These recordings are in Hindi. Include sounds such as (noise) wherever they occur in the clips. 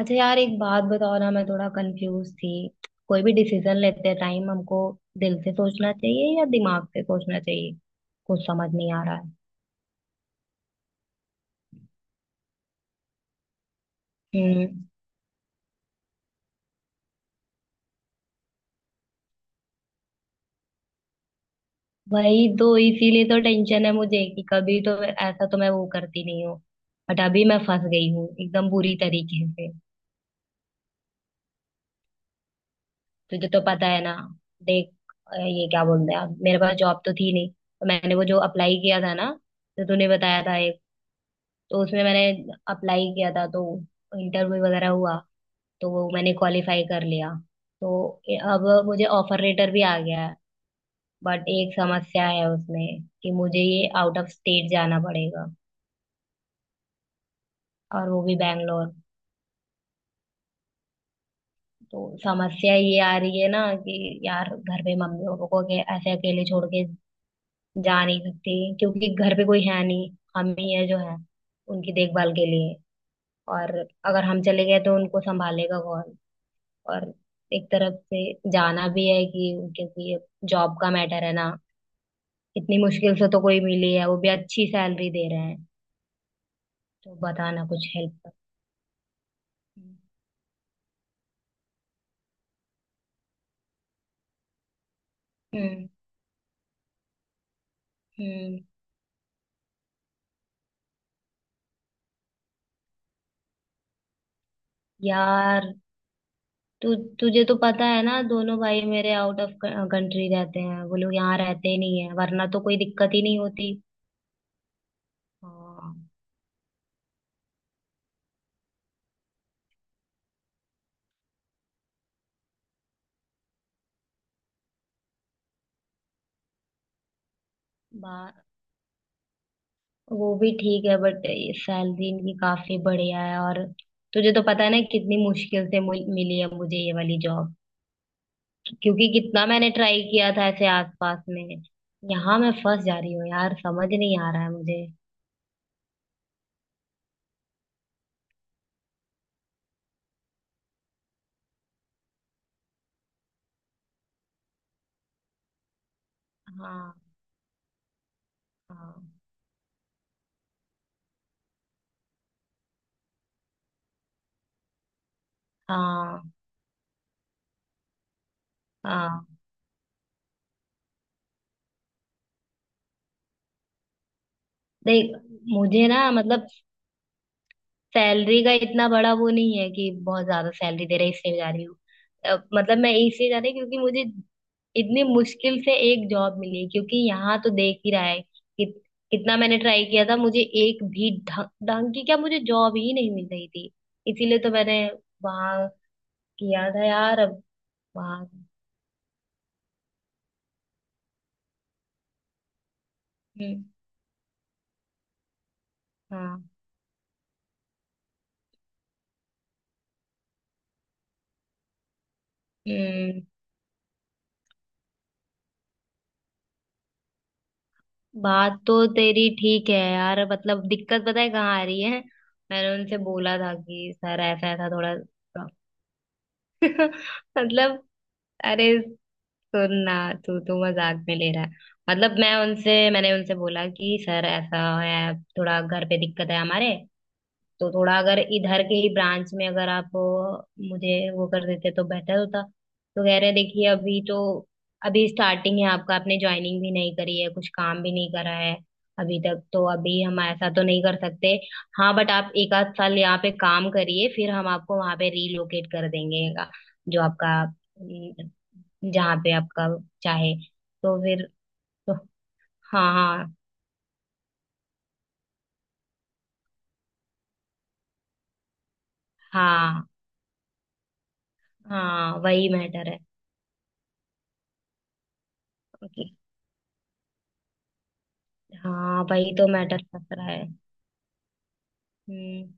अच्छा यार, एक बात बताओ ना, मैं थोड़ा कंफ्यूज थी। कोई भी डिसीजन लेते टाइम हमको दिल से सोचना चाहिए या दिमाग से सोचना चाहिए? कुछ समझ नहीं आ रहा है। हम्म। वही तो, इसीलिए तो टेंशन है मुझे कि कभी तो ऐसा तो मैं वो करती नहीं हूँ। बट अभी मैं फंस गई हूँ एकदम बुरी तरीके से। तुझे तो पता है ना, देख, ये क्या बोलते हैं आप, मेरे पास जॉब तो थी नहीं, तो मैंने वो जो अप्लाई किया था ना, तो तूने बताया था एक, तो उसमें मैंने अप्लाई किया था, तो इंटरव्यू वगैरह हुआ, तो वो मैंने क्वालिफाई कर लिया। तो अब मुझे ऑफर लेटर भी आ गया है। बट एक समस्या है उसमें कि मुझे ये आउट ऑफ स्टेट जाना पड़ेगा, और वो भी बैंगलोर। तो समस्या ये आ रही है ना कि यार, घर पे मम्मी पापा को ऐसे अकेले छोड़ के जा नहीं सकती, क्योंकि घर पे कोई है नहीं। हम ही है जो है उनकी देखभाल के लिए। और अगर हम चले गए तो उनको संभालेगा कौन? और एक तरफ से जाना भी है कि, क्योंकि जॉब का मैटर है ना, इतनी मुश्किल से तो कोई मिली है, वो भी अच्छी सैलरी दे रहे हैं। तो बताना, कुछ हेल्प कर। हम्म। हम्म। यार तु, तुझे तो पता है ना, दोनों भाई मेरे आउट ऑफ कंट्री रहते हैं, वो लोग यहाँ रहते ही नहीं है, वरना तो कोई दिक्कत ही नहीं होती। हाँ। बा, वो भी ठीक है बट सैलरी इनकी काफी बढ़िया है, और तुझे तो पता है ना कितनी मुश्किल से मिली है मुझे ये वाली जॉब। क्योंकि कितना मैंने ट्राई किया था ऐसे आसपास में। यहाँ मैं फंस जा रही हूँ यार, समझ नहीं आ रहा है मुझे। हाँ। हाँ। हाँ। हाँ। देख, मुझे ना, मतलब सैलरी का इतना बड़ा वो नहीं है कि बहुत ज्यादा सैलरी दे रहे इसलिए जा रही हूँ। मतलब मैं इसलिए जा रही हूँ क्योंकि मुझे इतनी मुश्किल से एक जॉब मिली। क्योंकि यहाँ तो देख ही रहा है कि कितना मैंने ट्राई किया था, मुझे एक भी ढंग ढंग की, क्या, मुझे जॉब ही नहीं मिल रही थी। इसीलिए तो मैंने वहां किया था यार। अब बात, हम्म, हाँ, हम्म, बात तो तेरी ठीक है यार, मतलब दिक्कत पता है कहाँ आ रही है? मैंने उनसे बोला था कि सर ऐसा ऐसा थोड़ा मतलब, अरे सुन ना, तू तो मजाक में ले रहा है। मतलब मैं उनसे मैंने उनसे बोला कि सर, ऐसा है थोड़ा, घर पे दिक्कत है हमारे, तो थोड़ा अगर इधर के ही ब्रांच में अगर आप मुझे वो कर देते तो बेटर होता। तो कह रहे देखिए, अभी तो, अभी स्टार्टिंग है आपका, आपने ज्वाइनिंग भी नहीं करी है, कुछ काम भी नहीं करा है अभी तक, तो अभी हम ऐसा तो नहीं कर सकते। हाँ। बट आप एक आध साल यहाँ पे काम करिए, फिर हम आपको वहां पे रीलोकेट कर देंगे जो आपका जहाँ पे आपका चाहे। तो फिर तो, हाँ हाँ, हाँ हाँ, वही मैटर है। ओके। हाँ वही तो मैटर फंस रहा है। हम्म।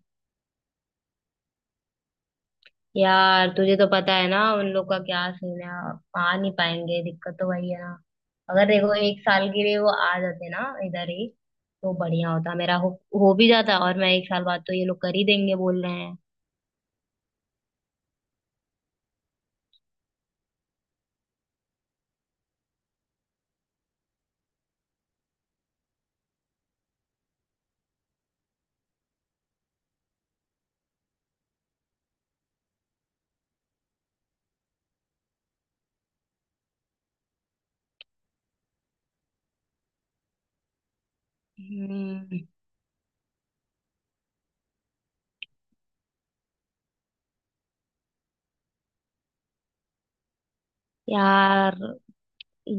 यार तुझे तो पता है ना उन लोग का क्या सीन है, आ नहीं पाएंगे, दिक्कत तो वही है ना। अगर देखो एक साल के लिए वो आ जाते ना इधर ही, तो बढ़िया होता, हो भी जाता, और मैं एक साल बाद, तो ये लोग कर ही देंगे बोल रहे हैं। हम्म। यार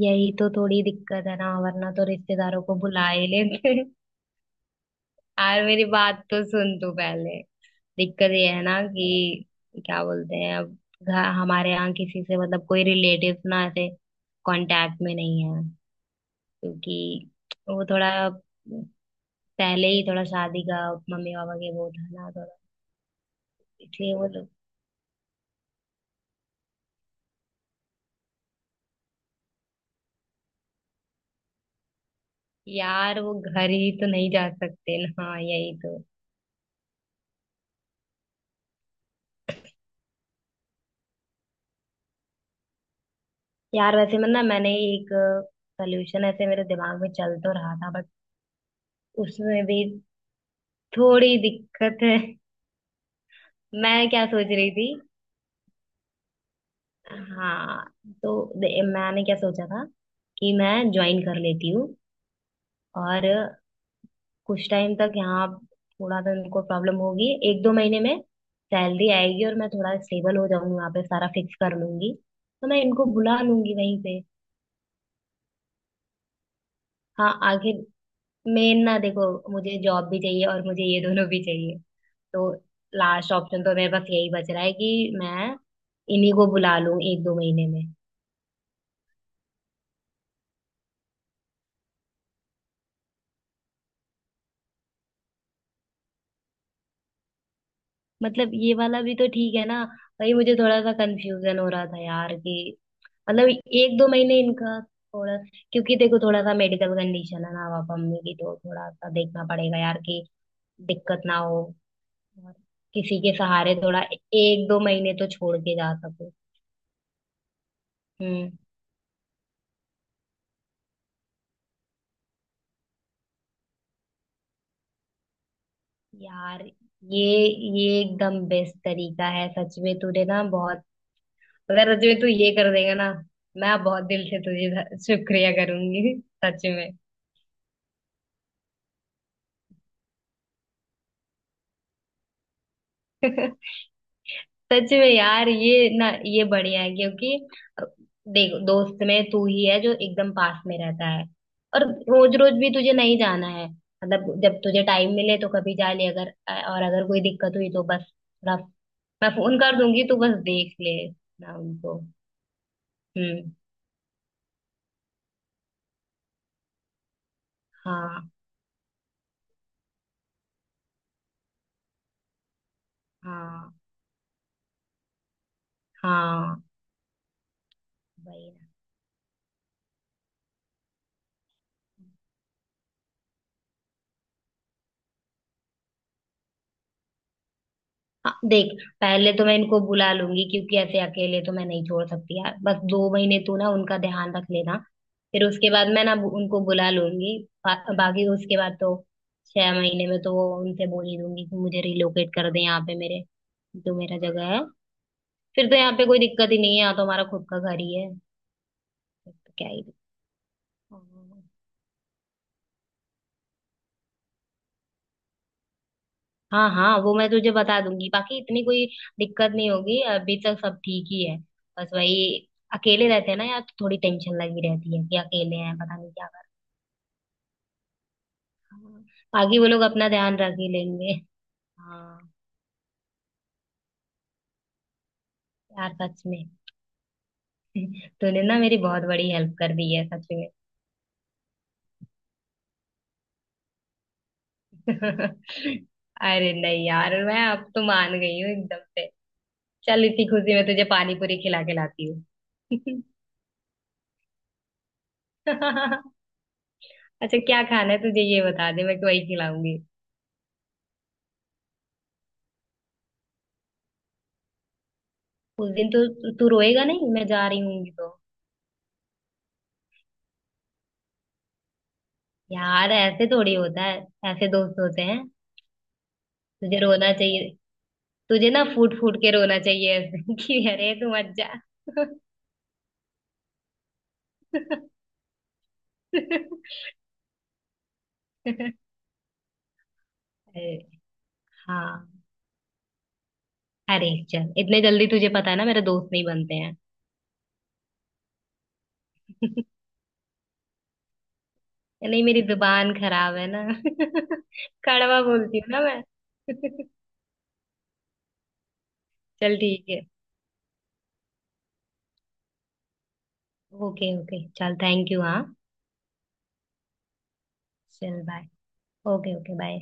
यही तो थोड़ी दिक्कत है ना, वरना तो रिश्तेदारों को बुला ही लेते। (laughs) यार मेरी बात तो सुन तू पहले। दिक्कत ये है ना कि, क्या बोलते हैं अब, हमारे यहाँ किसी से मतलब कोई रिलेटिव ना ऐसे कांटेक्ट में नहीं है। क्योंकि वो थोड़ा पहले ही थोड़ा शादी का, मम्मी पापा के वो था ना थोड़ा, इसलिए वो लोग। यार वो घर ही तो नहीं जा सकते ना, हाँ यही तो। यार वैसे मैं ना, मैंने एक सोल्यूशन ऐसे मेरे दिमाग में चल तो रहा था, बट उसमें भी थोड़ी दिक्कत है। मैं क्या सोच रही थी, हाँ, तो मैंने क्या सोचा था कि मैं ज्वाइन कर लेती हूँ, और कुछ टाइम तक यहाँ थोड़ा सा उनको प्रॉब्लम होगी। एक दो महीने में सैलरी आएगी और मैं थोड़ा स्टेबल हो जाऊंगी, वहाँ पे सारा फिक्स कर लूंगी, तो मैं इनको बुला लूंगी वहीं पे। हाँ आगे, मेन ना देखो, मुझे जॉब भी चाहिए और मुझे ये दोनों भी चाहिए। तो लास्ट ऑप्शन तो मेरे पास यही बच रहा है कि मैं इन्हीं को बुला लूं एक दो महीने में। मतलब ये वाला भी तो ठीक है ना। वही मुझे थोड़ा सा कंफ्यूजन हो रहा था यार कि, मतलब एक दो महीने इनका थोड़ा, क्योंकि देखो थोड़ा सा मेडिकल कंडीशन है ना पापा मम्मी की, तो थोड़ा सा देखना पड़ेगा यार कि दिक्कत ना हो। और किसी के सहारे थोड़ा एक दो महीने तो छोड़ के जा सको। हम्म। यार ये ये एकदम बेस्ट तरीका है, सच में तूने ना बहुत, अगर सच में तू ये कर देगा ना, मैं बहुत दिल से तुझे शुक्रिया करूंगी, सच में। सच में यार, ये ना ये बढ़िया है, क्योंकि अ, देखो दोस्त में तू ही है जो एकदम पास में रहता है। और रोज रोज भी तुझे नहीं जाना है, मतलब जब तुझे टाइम मिले तो कभी जा ले। अगर और अगर कोई दिक्कत हुई तो बस थोड़ा मैं फोन कर दूंगी, तो बस देख ले ना उनको। हम्म। हाँ हाँ, हाँ वही, हाँ देख, पहले तो मैं इनको बुला लूंगी क्योंकि ऐसे अकेले तो मैं नहीं छोड़ सकती यार। बस दो महीने तू ना उनका ध्यान रख लेना, फिर उसके बाद मैं ना उनको बुला लूंगी। बाकी उसके बाद तो छह महीने में तो वो उनसे बोल ही दूंगी कि मुझे रिलोकेट कर दे यहाँ पे, मेरे जो मेरा जगह है। फिर तो यहाँ पे कोई दिक्कत ही नहीं है, यहाँ तो हमारा खुद का घर ही है। फिर तो क्या ही दिक्कत। हाँ हाँ वो मैं तुझे बता दूंगी, बाकी इतनी कोई दिक्कत नहीं होगी, अभी तक सब ठीक ही है। बस वही अकेले रहते हैं ना यार, तो थोड़ी टेंशन लगी रहती है कि अकेले हैं, पता नहीं क्या करना है। बाकी वो लोग अपना ध्यान रख ही लेंगे। हाँ। यार सच में (laughs) तूने ना मेरी बहुत बड़ी हेल्प कर दी है, सच में। (laughs) अरे नहीं यार, मैं अब तो मान गई हूँ एकदम से। चल इसी खुशी में तुझे पानी पूरी खिला के लाती हूँ। (laughs) अच्छा क्या खाना है तुझे ये बता दे, मैं तो वही खिलाऊंगी। उस दिन तो तू रोएगा नहीं, मैं जा रही हूँ तो? यार ऐसे थोड़ी होता है। ऐसे दोस्त होते हैं? तुझे रोना चाहिए, तुझे ना फूट फूट के रोना चाहिए ऐसे (laughs) कि अरे तू मत जा। (laughs) अरे, हाँ, अरे चल इतने जल्दी तुझे पता है ना मेरे दोस्त नहीं बनते हैं। (laughs) नहीं मेरी जुबान खराब है ना (laughs) कड़वा बोलती हूँ ना मैं। (laughs) चल ठीक है। ओके ओके, चल थैंक यू, हाँ चल बाय। Okay okay bye.